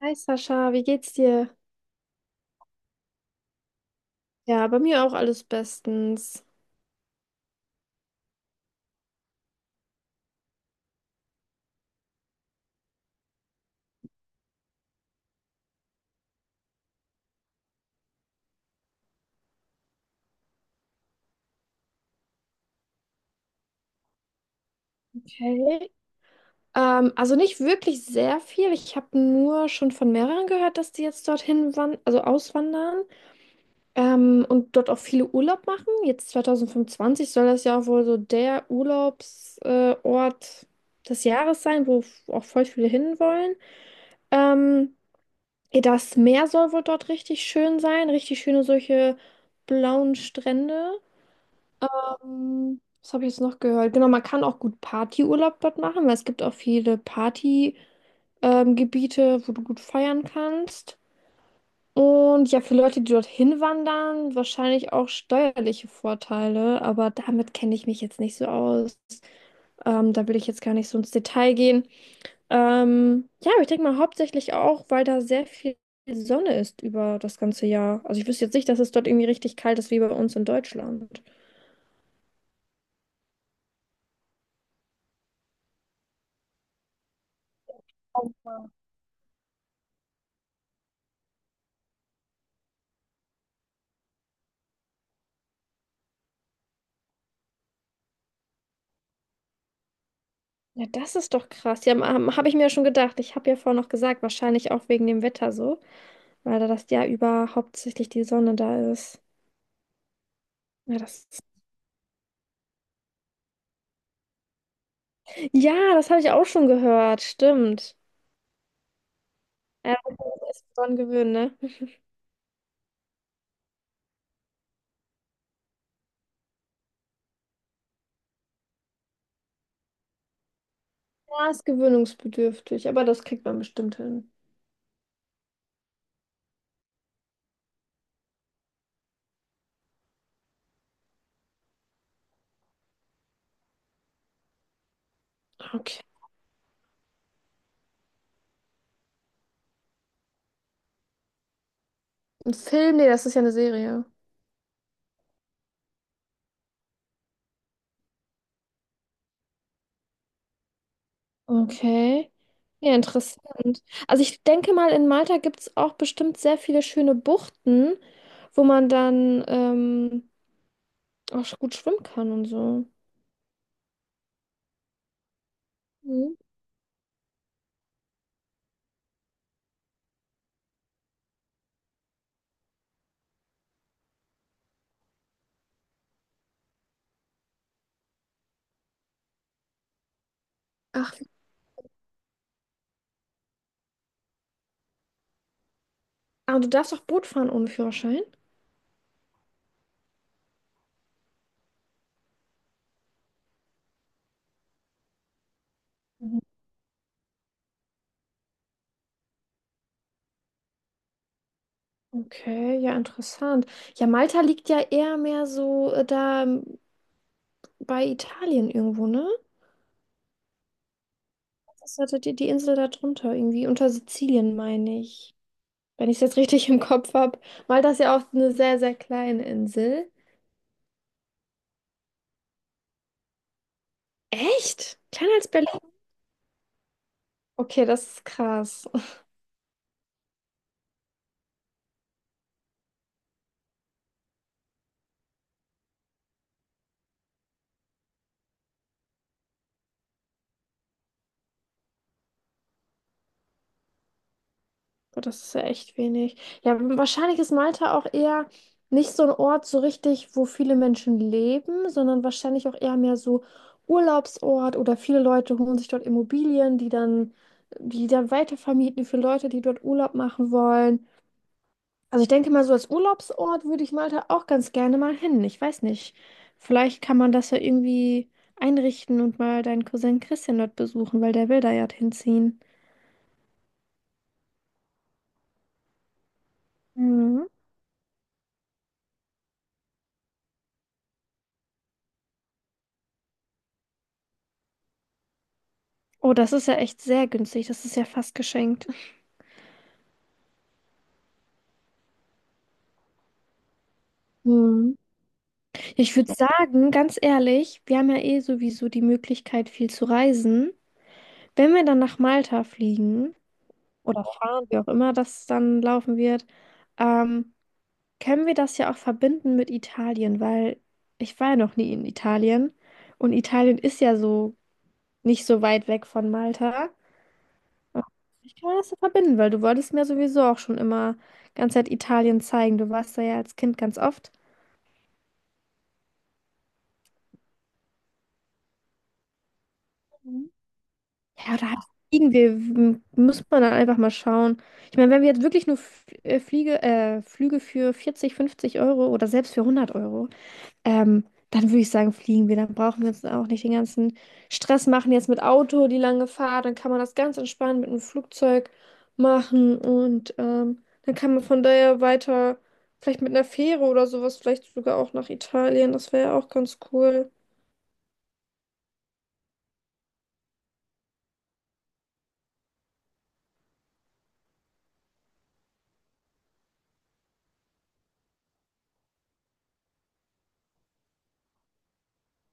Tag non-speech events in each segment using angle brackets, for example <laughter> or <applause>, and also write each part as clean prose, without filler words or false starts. Hi Sascha, wie geht's dir? Ja, bei mir auch alles bestens. Okay. Also nicht wirklich sehr viel. Ich habe nur schon von mehreren gehört, dass die jetzt dorthin wan also auswandern und dort auch viele Urlaub machen. Jetzt 2025 soll das ja auch wohl so der Urlaubsort Ort des Jahres sein, wo auch voll viele hinwollen. Ähm, ja, das Meer soll wohl dort richtig schön sein, richtig schöne solche blauen Strände. Was habe ich jetzt noch gehört? Genau, man kann auch gut Partyurlaub dort machen, weil es gibt auch viele Partygebiete, Gebiete, wo du gut feiern kannst. Und ja, für Leute, die dorthin wandern, wahrscheinlich auch steuerliche Vorteile, aber damit kenne ich mich jetzt nicht so aus. Da will ich jetzt gar nicht so ins Detail gehen. Ja, aber ich denke mal hauptsächlich auch, weil da sehr viel Sonne ist über das ganze Jahr. Also ich wüsste jetzt nicht, dass es dort irgendwie richtig kalt ist wie bei uns in Deutschland. Ja, das ist doch krass. Ja, habe ich mir ja schon gedacht. Ich habe ja vorhin noch gesagt, wahrscheinlich auch wegen dem Wetter so, weil da das Jahr über hauptsächlich die Sonne da ist. Ja, das, ja, das habe ich auch schon gehört. Stimmt. Ja, das ist dran gewöhnen, ne? Ja, ist gewöhnungsbedürftig, aber das kriegt man bestimmt hin. Okay. Ein Film? Nee, das ist ja eine Serie. Okay. Ja, interessant. Also ich denke mal, in Malta gibt es auch bestimmt sehr viele schöne Buchten, wo man dann auch gut schwimmen kann und so. Mhm. Ach, ah, du darfst auch Boot fahren ohne Führerschein? Mhm. Okay, ja, interessant. Ja, Malta liegt ja eher mehr so da bei Italien irgendwo, ne? Das hatte die, die Insel da drunter irgendwie, unter Sizilien, meine ich. Wenn ich es jetzt richtig im Kopf habe. Malta ist ja auch eine sehr, sehr kleine Insel. Echt? Kleiner als Berlin? Okay, das ist krass. Boah, das ist ja echt wenig. Ja, wahrscheinlich ist Malta auch eher nicht so ein Ort so richtig, wo viele Menschen leben, sondern wahrscheinlich auch eher mehr so Urlaubsort oder viele Leute holen sich dort Immobilien, die dann weitervermieten für Leute, die dort Urlaub machen wollen. Also ich denke mal, so als Urlaubsort würde ich Malta auch ganz gerne mal hin. Ich weiß nicht. Vielleicht kann man das ja irgendwie einrichten und mal deinen Cousin Christian dort besuchen, weil der will da ja hinziehen. Mhm. Oh, das ist ja echt sehr günstig. Das ist ja fast geschenkt. Mhm. Ich würde sagen, ganz ehrlich, wir haben ja eh sowieso die Möglichkeit, viel zu reisen. Wenn wir dann nach Malta fliegen oder fahren, wie auch immer das dann laufen wird, ähm, können wir das ja auch verbinden mit Italien, weil ich war ja noch nie in Italien und Italien ist ja so nicht so weit weg von Malta. Ich kann das ja verbinden, weil du wolltest mir sowieso auch schon immer ganz Zeit Italien zeigen. Du warst da ja als Kind ganz oft. Mhm. Ja, oder halt fliegen wir, muss man dann einfach mal schauen. Ich meine, wenn wir jetzt wirklich nur Flüge für 40, 50 Euro oder selbst für 100 Euro, ähm, dann würde ich sagen, fliegen wir. Dann brauchen wir uns auch nicht den ganzen Stress machen jetzt mit Auto, die lange Fahrt. Dann kann man das ganz entspannt mit einem Flugzeug machen und dann kann man von daher weiter, vielleicht mit einer Fähre oder sowas, vielleicht sogar auch nach Italien. Das wäre ja auch ganz cool.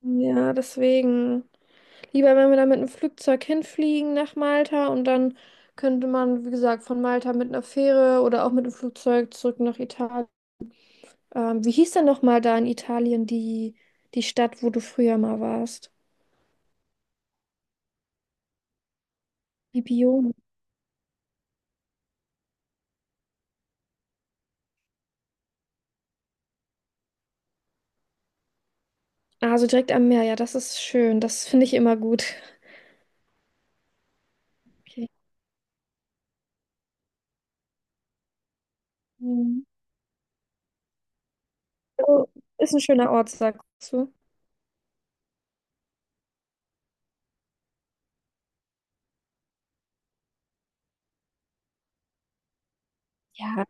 Ja, deswegen. Lieber, wenn wir da mit einem Flugzeug hinfliegen nach Malta und dann könnte man, wie gesagt, von Malta mit einer Fähre oder auch mit dem Flugzeug zurück nach Italien. Wie hieß denn nochmal da in Italien die, die Stadt, wo du früher mal warst? Bibione. Also direkt am Meer, ja, das ist schön. Das finde ich immer gut. Okay. Mhm. Also, ist ein schöner Ort, sagst du. Ja.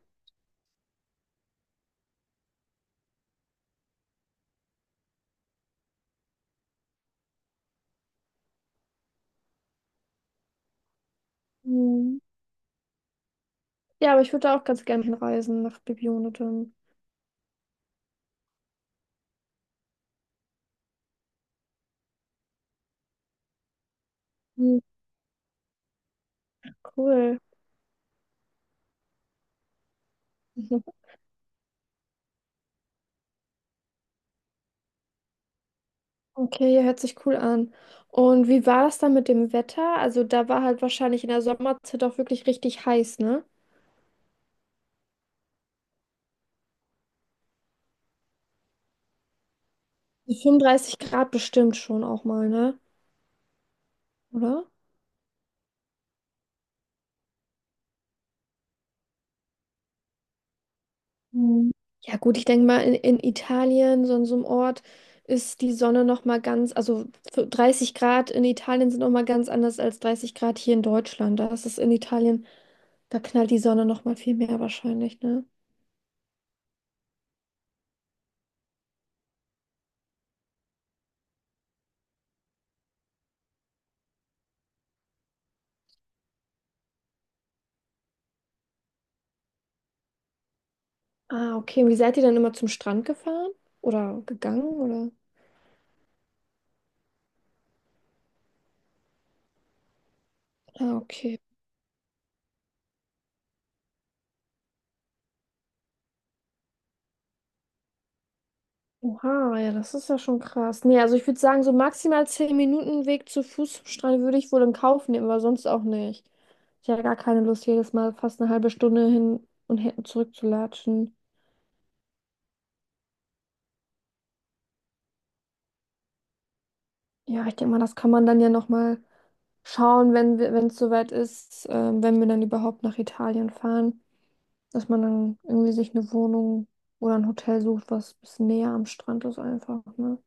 Mhm. Ja, aber ich würde da auch ganz gerne hinreisen nach Bibione dann. Mhm, cool. <laughs> Okay, ja, hört sich cool an. Und wie war das dann mit dem Wetter? Also da war halt wahrscheinlich in der Sommerzeit auch wirklich richtig heiß, ne? Die 35 Grad bestimmt schon auch mal, ne? Oder? Mhm. Ja gut, ich denke mal, in Italien, so in so einem Ort, ist die Sonne noch mal ganz, also für 30 Grad in Italien sind noch mal ganz anders als 30 Grad hier in Deutschland. Da ist es in Italien, da knallt die Sonne noch mal viel mehr wahrscheinlich, ne? Ah, okay. Und wie seid ihr dann immer zum Strand gefahren? Oder gegangen? Oder? Ah, okay. Oha, ja, das ist ja schon krass. Nee, also ich würde sagen, so maximal 10 Minuten Weg zu Fuß zum Strand würde ich wohl in Kauf nehmen, aber sonst auch nicht. Ich habe gar keine Lust, jedes Mal fast eine halbe Stunde hin und her zurückzulatschen. Ja, ich denke mal, das kann man dann ja nochmal schauen, wenn wir, wenn es soweit ist, wenn wir dann überhaupt nach Italien fahren, dass man dann irgendwie sich eine Wohnung oder ein Hotel sucht, was ein bisschen näher am Strand ist einfach, ne?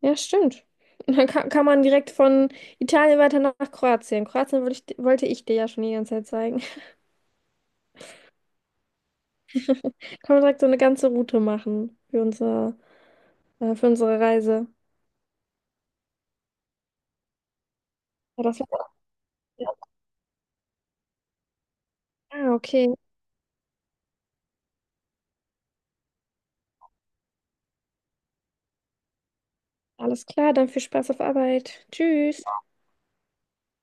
Ja, stimmt. <laughs> Und dann kann, kann man direkt von Italien weiter nach Kroatien. Kroatien wollte ich dir ja schon die ganze Zeit zeigen. <laughs> Kann man direkt so eine ganze Route machen für für unsere Reise. Ja, das war- Ah, okay. Alles klar, dann viel Spaß auf Arbeit. Tschüss.